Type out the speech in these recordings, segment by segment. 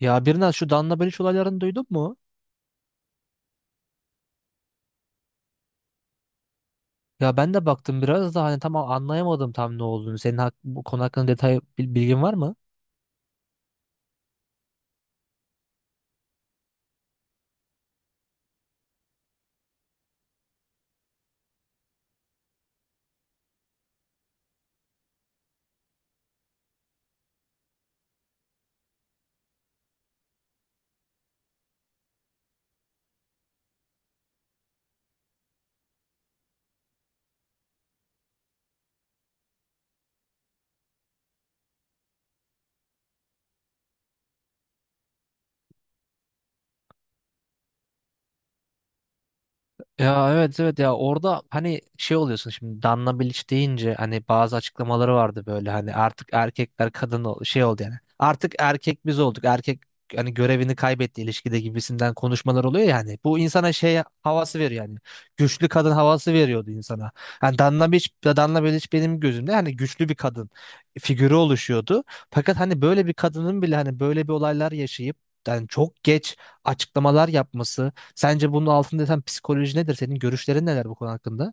Ya biraz şu Danla Baliç olaylarını duydun mu? Ya ben de baktım biraz da hani tam anlayamadım tam ne olduğunu. Senin hak, bu konu hakkında detay bilgin var mı? Ya evet ya orada hani şey oluyorsun şimdi Danla Bilic deyince hani bazı açıklamaları vardı böyle hani artık erkekler şey oldu yani. Artık erkek biz olduk. Erkek hani görevini kaybetti ilişkide gibisinden konuşmalar oluyor yani. Bu insana şey havası veriyor yani. Güçlü kadın havası veriyordu insana. Yani Danla Bilic, Danla Bilic benim gözümde hani güçlü bir kadın figürü oluşuyordu. Fakat hani böyle bir kadının bile hani böyle bir olaylar yaşayıp yani çok geç açıklamalar yapması. Sence bunun altında yatan psikoloji nedir? Senin görüşlerin neler bu konu hakkında?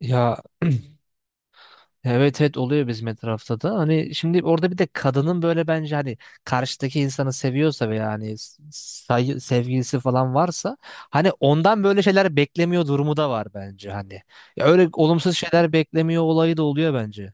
Ya evet oluyor bizim etrafta da. Hani şimdi orada bir de kadının böyle bence hani karşıdaki insanı seviyorsa veya hani sevgilisi falan varsa hani ondan böyle şeyler beklemiyor durumu da var bence hani. Ya öyle olumsuz şeyler beklemiyor olayı da oluyor bence.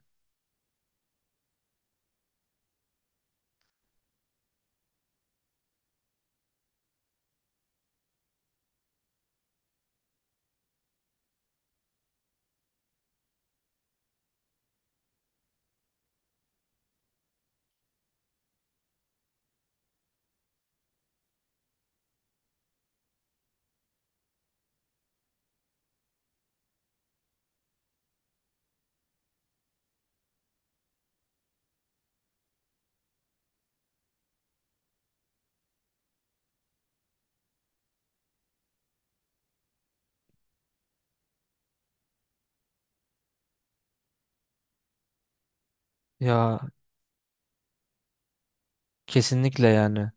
Ya kesinlikle yani.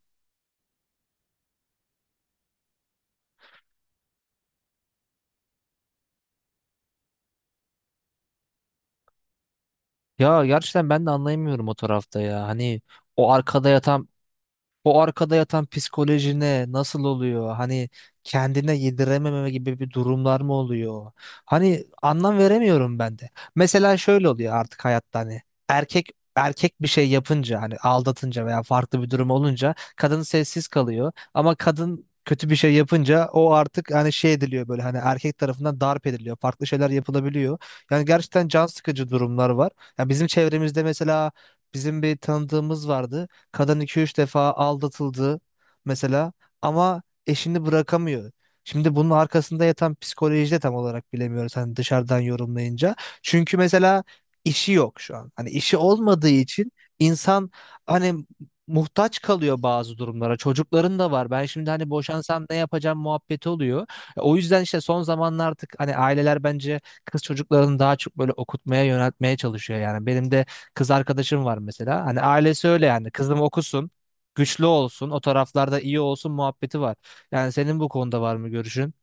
Ya gerçekten ben de anlayamıyorum o tarafta ya. Hani o arkada yatan o arkada yatan psikolojine nasıl oluyor? Hani kendine yedirememe gibi bir durumlar mı oluyor? Hani anlam veremiyorum ben de. Mesela şöyle oluyor artık hayatta hani erkek erkek bir şey yapınca hani aldatınca veya farklı bir durum olunca kadın sessiz kalıyor ama kadın kötü bir şey yapınca o artık hani şey ediliyor böyle hani erkek tarafından darp ediliyor. Farklı şeyler yapılabiliyor. Yani gerçekten can sıkıcı durumlar var. Yani bizim çevremizde mesela bizim bir tanıdığımız vardı. Kadın iki üç defa aldatıldı mesela ama eşini bırakamıyor. Şimdi bunun arkasında yatan psikoloji de tam olarak bilemiyoruz hani dışarıdan yorumlayınca. Çünkü mesela işi yok şu an. Hani işi olmadığı için insan hani muhtaç kalıyor bazı durumlara. Çocukların da var. Ben şimdi hani boşansam ne yapacağım muhabbeti oluyor. O yüzden işte son zamanlar artık hani aileler bence kız çocuklarını daha çok böyle okutmaya yöneltmeye çalışıyor yani. Benim de kız arkadaşım var mesela. Hani ailesi öyle yani. Kızım okusun, güçlü olsun, o taraflarda iyi olsun muhabbeti var. Yani senin bu konuda var mı görüşün?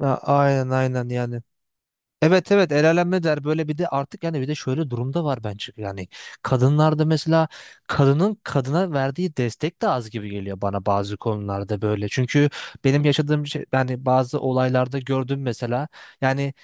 Ha, aynen yani. Evet el alem der böyle bir de artık yani bir de şöyle durumda var bence yani kadınlarda mesela kadının kadına verdiği destek de az gibi geliyor bana bazı konularda böyle çünkü benim yaşadığım şey yani bazı olaylarda gördüm mesela yani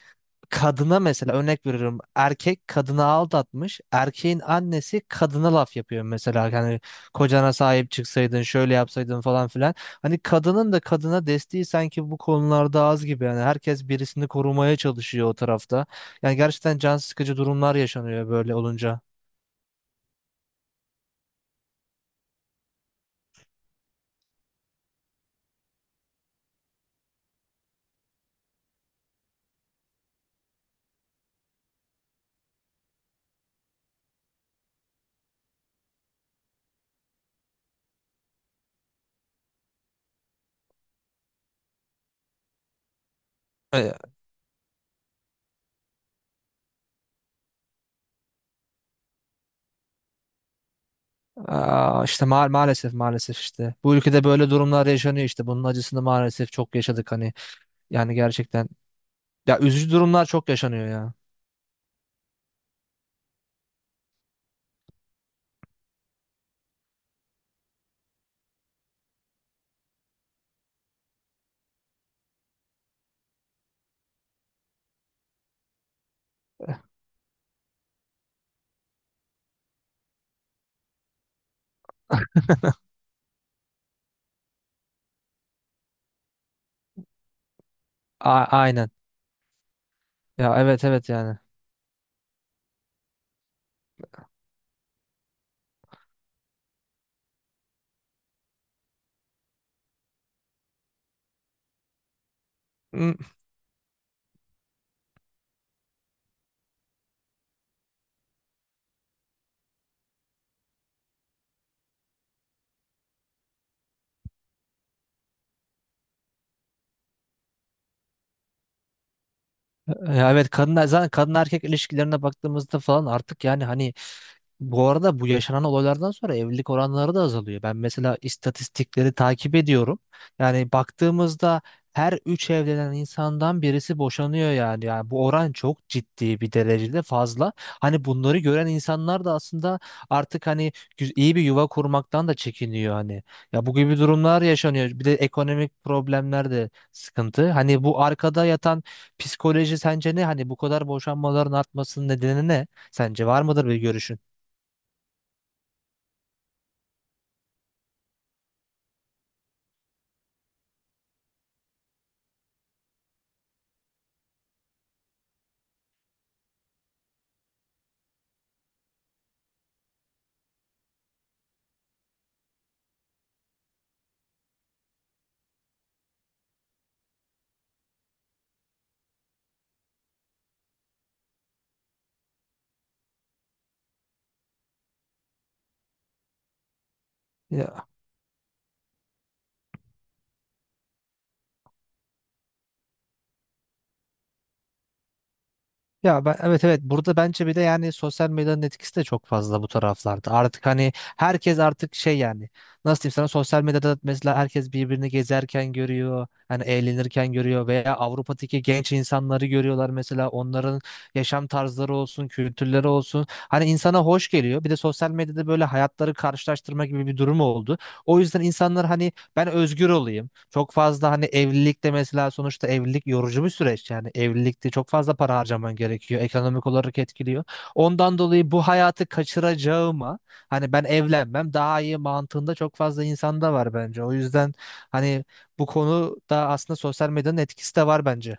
kadına mesela örnek veriyorum erkek kadını aldatmış erkeğin annesi kadına laf yapıyor mesela hani kocana sahip çıksaydın şöyle yapsaydın falan filan hani kadının da kadına desteği sanki bu konularda az gibi yani herkes birisini korumaya çalışıyor o tarafta yani gerçekten can sıkıcı durumlar yaşanıyor böyle olunca. E, Aa, işte maalesef işte bu ülkede böyle durumlar yaşanıyor işte bunun acısını maalesef çok yaşadık hani yani gerçekten ya üzücü durumlar çok yaşanıyor ya. Aynen. Ya evet yani. Hı. Ya evet kadın zaten kadın erkek ilişkilerine baktığımızda falan artık yani hani bu arada bu yaşanan olaylardan sonra evlilik oranları da azalıyor. Ben mesela istatistikleri takip ediyorum. Yani baktığımızda her üç evlenen insandan birisi boşanıyor yani. Yani bu oran çok ciddi bir derecede fazla. Hani bunları gören insanlar da aslında artık hani iyi bir yuva kurmaktan da çekiniyor hani. Ya bu gibi durumlar yaşanıyor. Bir de ekonomik problemler de sıkıntı. Hani bu arkada yatan psikoloji sence ne? Hani bu kadar boşanmaların artmasının nedeni ne? Sence var mıdır bir görüşün? Ya, ya ben evet burada bence bir de yani sosyal medyanın etkisi de çok fazla bu taraflarda. Artık hani herkes artık şey yani nasıl diyeyim sana sosyal medyada mesela herkes birbirini gezerken görüyor. Hani eğlenirken görüyor veya Avrupa'daki genç insanları görüyorlar mesela onların yaşam tarzları olsun, kültürleri olsun. Hani insana hoş geliyor. Bir de sosyal medyada böyle hayatları karşılaştırma gibi bir durum oldu. O yüzden insanlar hani ben özgür olayım. Çok fazla hani evlilikte mesela sonuçta evlilik yorucu bir süreç. Yani evlilikte çok fazla para harcaman gerekiyor. Ekonomik olarak etkiliyor. Ondan dolayı bu hayatı kaçıracağıma hani ben evlenmem daha iyi mantığında çok fazla insanda var bence. O yüzden hani bu konuda aslında sosyal medyanın etkisi de var bence.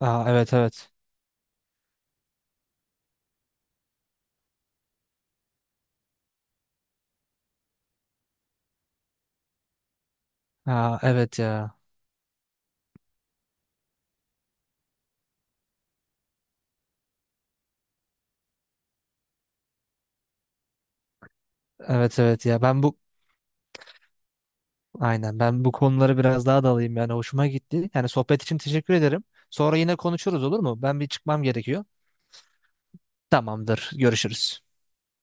Aa, evet evet. Aa, evet ya. Evet ya. Ben bu Aynen ben bu konuları biraz daha dalayım yani hoşuma gitti. Yani sohbet için teşekkür ederim. Sonra yine konuşuruz olur mu? Ben bir çıkmam gerekiyor. Tamamdır. Görüşürüz.